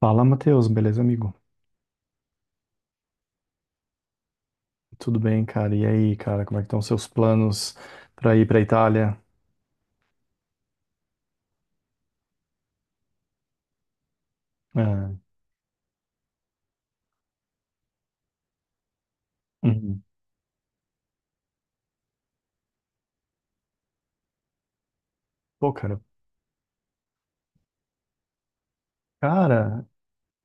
Fala, Matheus, beleza, amigo? Tudo bem, cara? E aí, cara, como é que estão os seus planos pra ir pra Itália? Ah, uhum. Pô, cara, cara,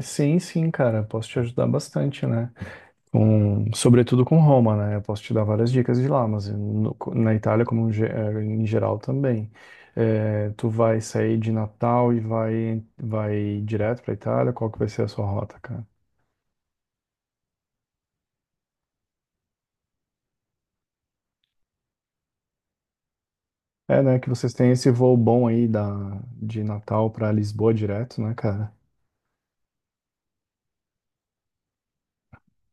sim, sim, cara, posso te ajudar bastante, né? Sobretudo com Roma, né? Eu posso te dar várias dicas de lá, mas na Itália, como em geral também. Tu vai sair de Natal e vai direto pra Itália? Qual que vai ser a sua rota, cara? É, né, que vocês têm esse voo bom aí de Natal pra Lisboa direto, né, cara?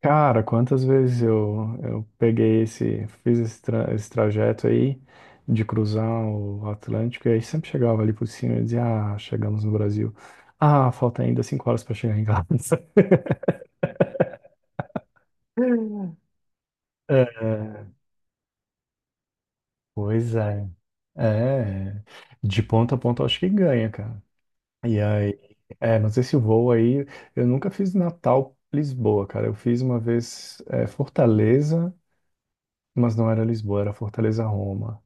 Cara, quantas vezes eu peguei esse, fiz esse, esse trajeto aí de cruzar o Atlântico e aí sempre chegava ali por cima e dizia, ah, chegamos no Brasil. Ah, falta ainda cinco horas para chegar em casa. É, pois é. É, é. De ponta a ponta eu acho que ganha, cara. E aí, é, mas esse voo aí, eu nunca fiz Natal, Lisboa, cara. Eu fiz uma vez, é, Fortaleza, mas não era Lisboa, era Fortaleza, Roma.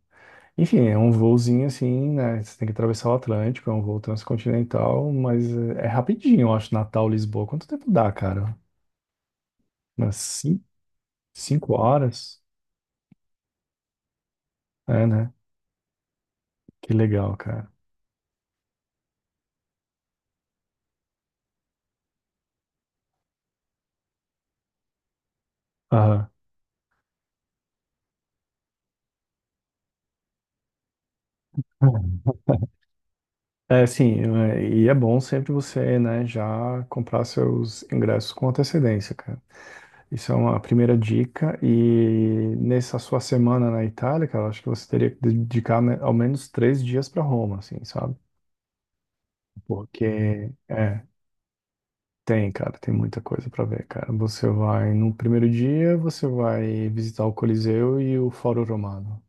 Enfim, é um voozinho assim, né? Você tem que atravessar o Atlântico, é um voo transcontinental, mas é é rapidinho, eu acho, Natal, Lisboa. Quanto tempo dá, cara? Umas cinco horas? É, né? Que legal, cara. Aham. É, sim, é, e é bom sempre você, né, já comprar seus ingressos com antecedência, cara. Isso é uma primeira dica. E nessa sua semana na Itália, cara, eu acho que você teria que dedicar, né, ao menos três dias para Roma, assim, sabe? Porque, é, tem, cara, tem muita coisa pra ver, cara. Você vai no primeiro dia, você vai visitar o Coliseu e o Fórum Romano.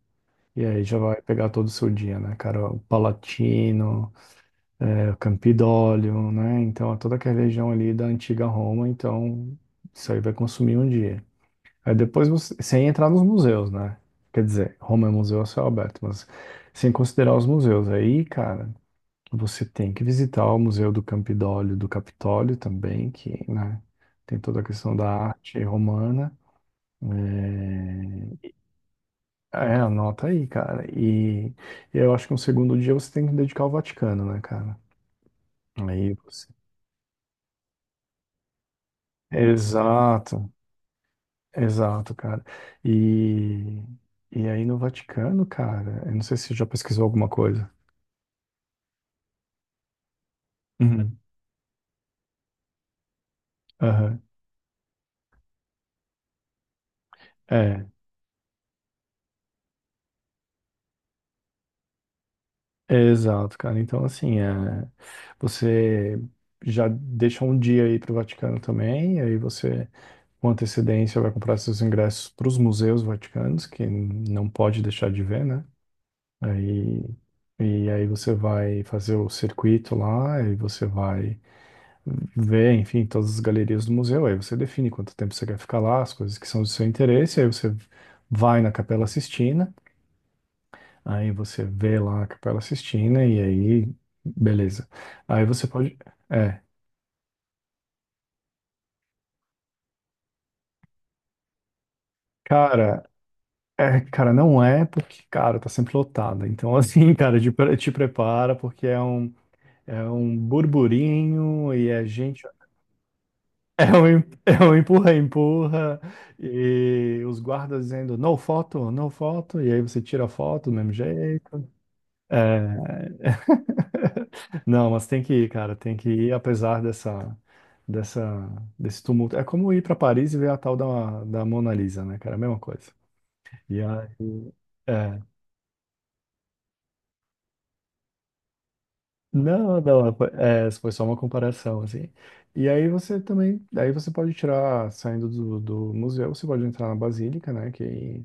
E aí já vai pegar todo o seu dia, né, cara? O Palatino, é, o Campidoglio, né? Então, é toda aquela região ali da antiga Roma. Então, isso aí vai consumir um dia. Aí depois você, sem entrar nos museus, né? Quer dizer, Roma é museu a céu aberto, mas sem considerar os museus. Aí, cara. Você tem que visitar o Museu do Campidólio, do Capitólio também, que, né, tem toda a questão da arte romana. É, é, anota aí, cara. E eu acho que um segundo dia você tem que dedicar ao Vaticano, né, cara? Aí você. Exato, exato, cara. E, e aí no Vaticano, cara, eu não sei se você já pesquisou alguma coisa. Uhum. Aham. É. É, exato, cara. Então, assim, é, você já deixa um dia aí para o Vaticano também, e aí você, com antecedência, vai comprar seus ingressos para os museus vaticanos, que não pode deixar de ver, né? Aí, e aí você vai fazer o circuito lá, e você vai ver, enfim, todas as galerias do museu, aí você define quanto tempo você quer ficar lá, as coisas que são do seu interesse, aí você vai na Capela Sistina. Aí você vê lá a Capela Sistina e aí, beleza. Aí você pode. É, cara, é, cara, não é porque, cara, tá sempre lotada. Então, assim, cara, te prepara porque é um burburinho e é gente. É um empurra, empurra, e os guardas dizendo no foto, no foto, e aí você tira a foto do mesmo jeito. É. Não, mas tem que ir, cara, tem que ir, apesar dessa, dessa, desse tumulto. É como ir para Paris e ver a tal da Mona Lisa, né, cara? É a mesma coisa. E aí, é, não, não, foi só uma comparação, assim. E aí você também, aí você pode tirar, saindo do, do museu, você pode entrar na Basílica, né, que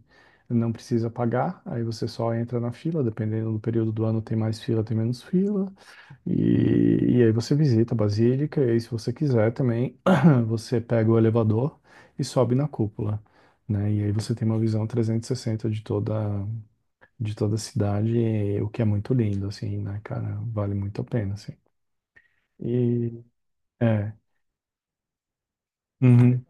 não precisa pagar, aí você só entra na fila, dependendo do período do ano tem mais fila, tem menos fila. E aí você visita a Basílica, e aí, se você quiser também, você pega o elevador e sobe na cúpula, né? E aí você tem uma visão 360 de toda a cidade, e- o que é muito lindo, assim, né, cara? Vale muito a pena, assim. E, é, uhum,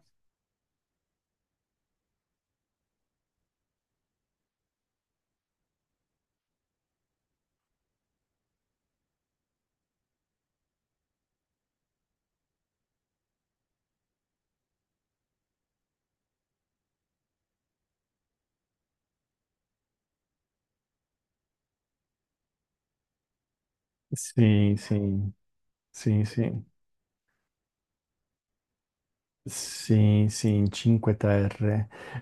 sim, sim, sim, sim. Sim, sim, Cinque Terre.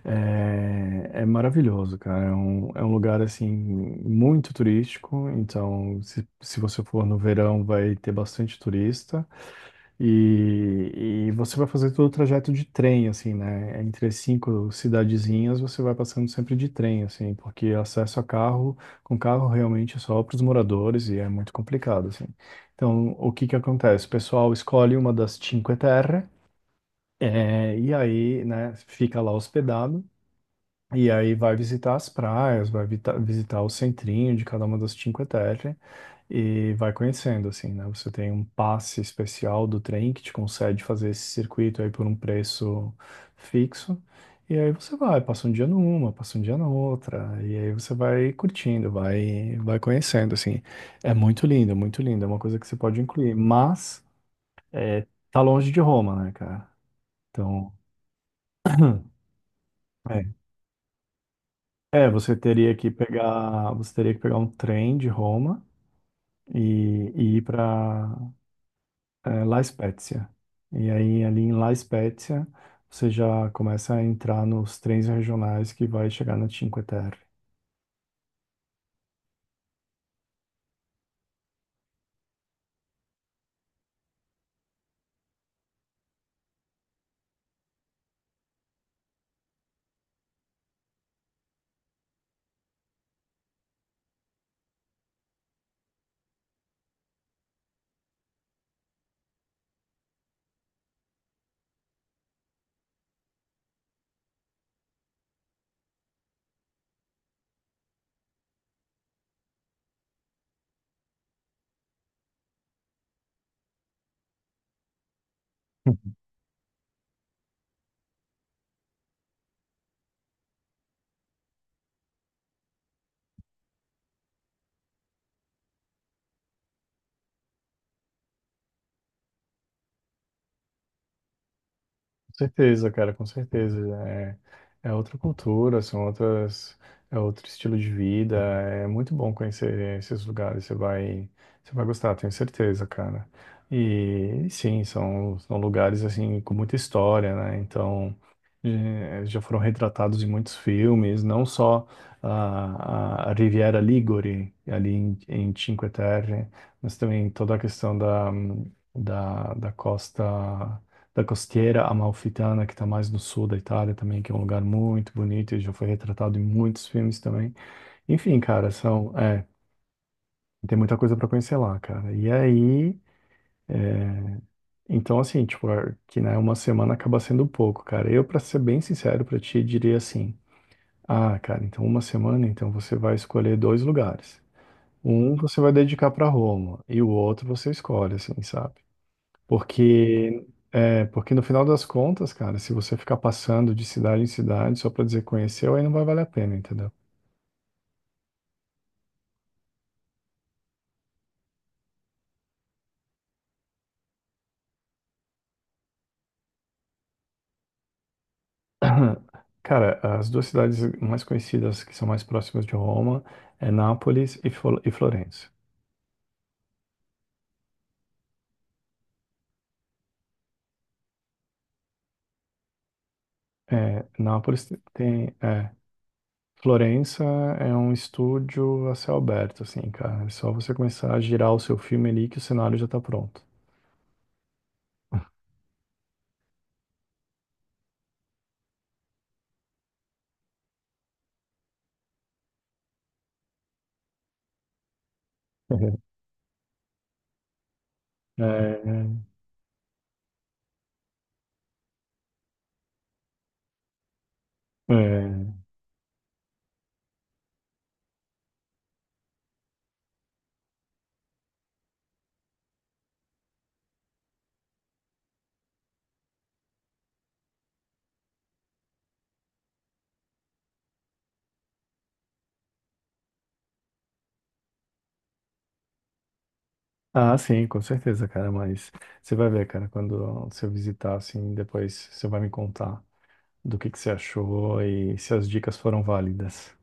É, é maravilhoso, cara. É um lugar, assim, muito turístico. Então, se você for no verão, vai ter bastante turista. E, e você vai fazer todo o trajeto de trem, assim, né? Entre as cinco cidadezinhas, você vai passando sempre de trem, assim, porque acesso a carro, com carro, realmente é só para os moradores e é muito complicado, assim. Então, o que que acontece? O pessoal escolhe uma das Cinque Terre é, e aí, né, fica lá hospedado, e aí vai visitar as praias, vai visitar o centrinho de cada uma das Cinque Terre, e vai conhecendo, assim, né? Você tem um passe especial do trem que te concede fazer esse circuito aí por um preço fixo, e aí você vai, passa um dia numa, passa um dia na outra, e aí você vai curtindo, vai conhecendo, assim. É muito lindo, é muito lindo, é uma coisa que você pode incluir, mas é, tá longe de Roma, né, cara? Então. É. É, você teria que pegar, você teria que pegar um trem de Roma e ir para La Spezia. E aí ali em La Spezia você já começa a entrar nos trens regionais que vai chegar na Cinque Terre. Com certeza, cara, com certeza. É, é outra cultura, são outras, é outro estilo de vida. É muito bom conhecer esses lugares. Você vai gostar, tenho certeza, cara. E sim, são, lugares assim com muita história, né? Então já foram retratados em muitos filmes, não só a Riviera Ligure ali em Cinque Terre, mas também toda a questão da costa da costeira amalfitana, que está mais no sul da Itália também, que é um lugar muito bonito e já foi retratado em muitos filmes também. Enfim, cara, são, é, tem muita coisa para conhecer lá, cara. E aí, é, então assim, tipo, é que né, uma semana acaba sendo pouco, cara. Eu, para ser bem sincero para ti, diria assim: "Ah, cara, então uma semana, então você vai escolher dois lugares. Um você vai dedicar para Roma e o outro você escolhe, assim, sabe? Porque, porque no final das contas, cara, se você ficar passando de cidade em cidade só pra dizer conheceu, aí não vai valer a pena, entendeu? Cara, as duas cidades mais conhecidas que são mais próximas de Roma é Nápoles e, e Florença. É, Nápoles tem, é, Florença é um estúdio a céu aberto, assim, cara. É só você começar a girar o seu filme ali que o cenário já tá pronto. É, é, ah, sim, com certeza, cara, mas você vai ver, cara, quando você visitar, assim, depois você vai me contar do que você achou e se as dicas foram válidas.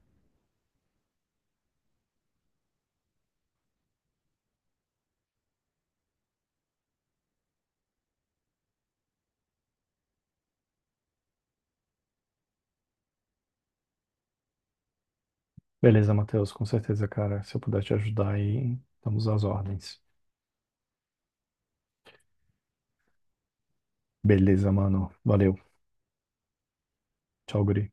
Beleza, Matheus, com certeza, cara, se eu puder te ajudar aí, estamos às ordens. Beleza, mano, valeu, tchau, guri.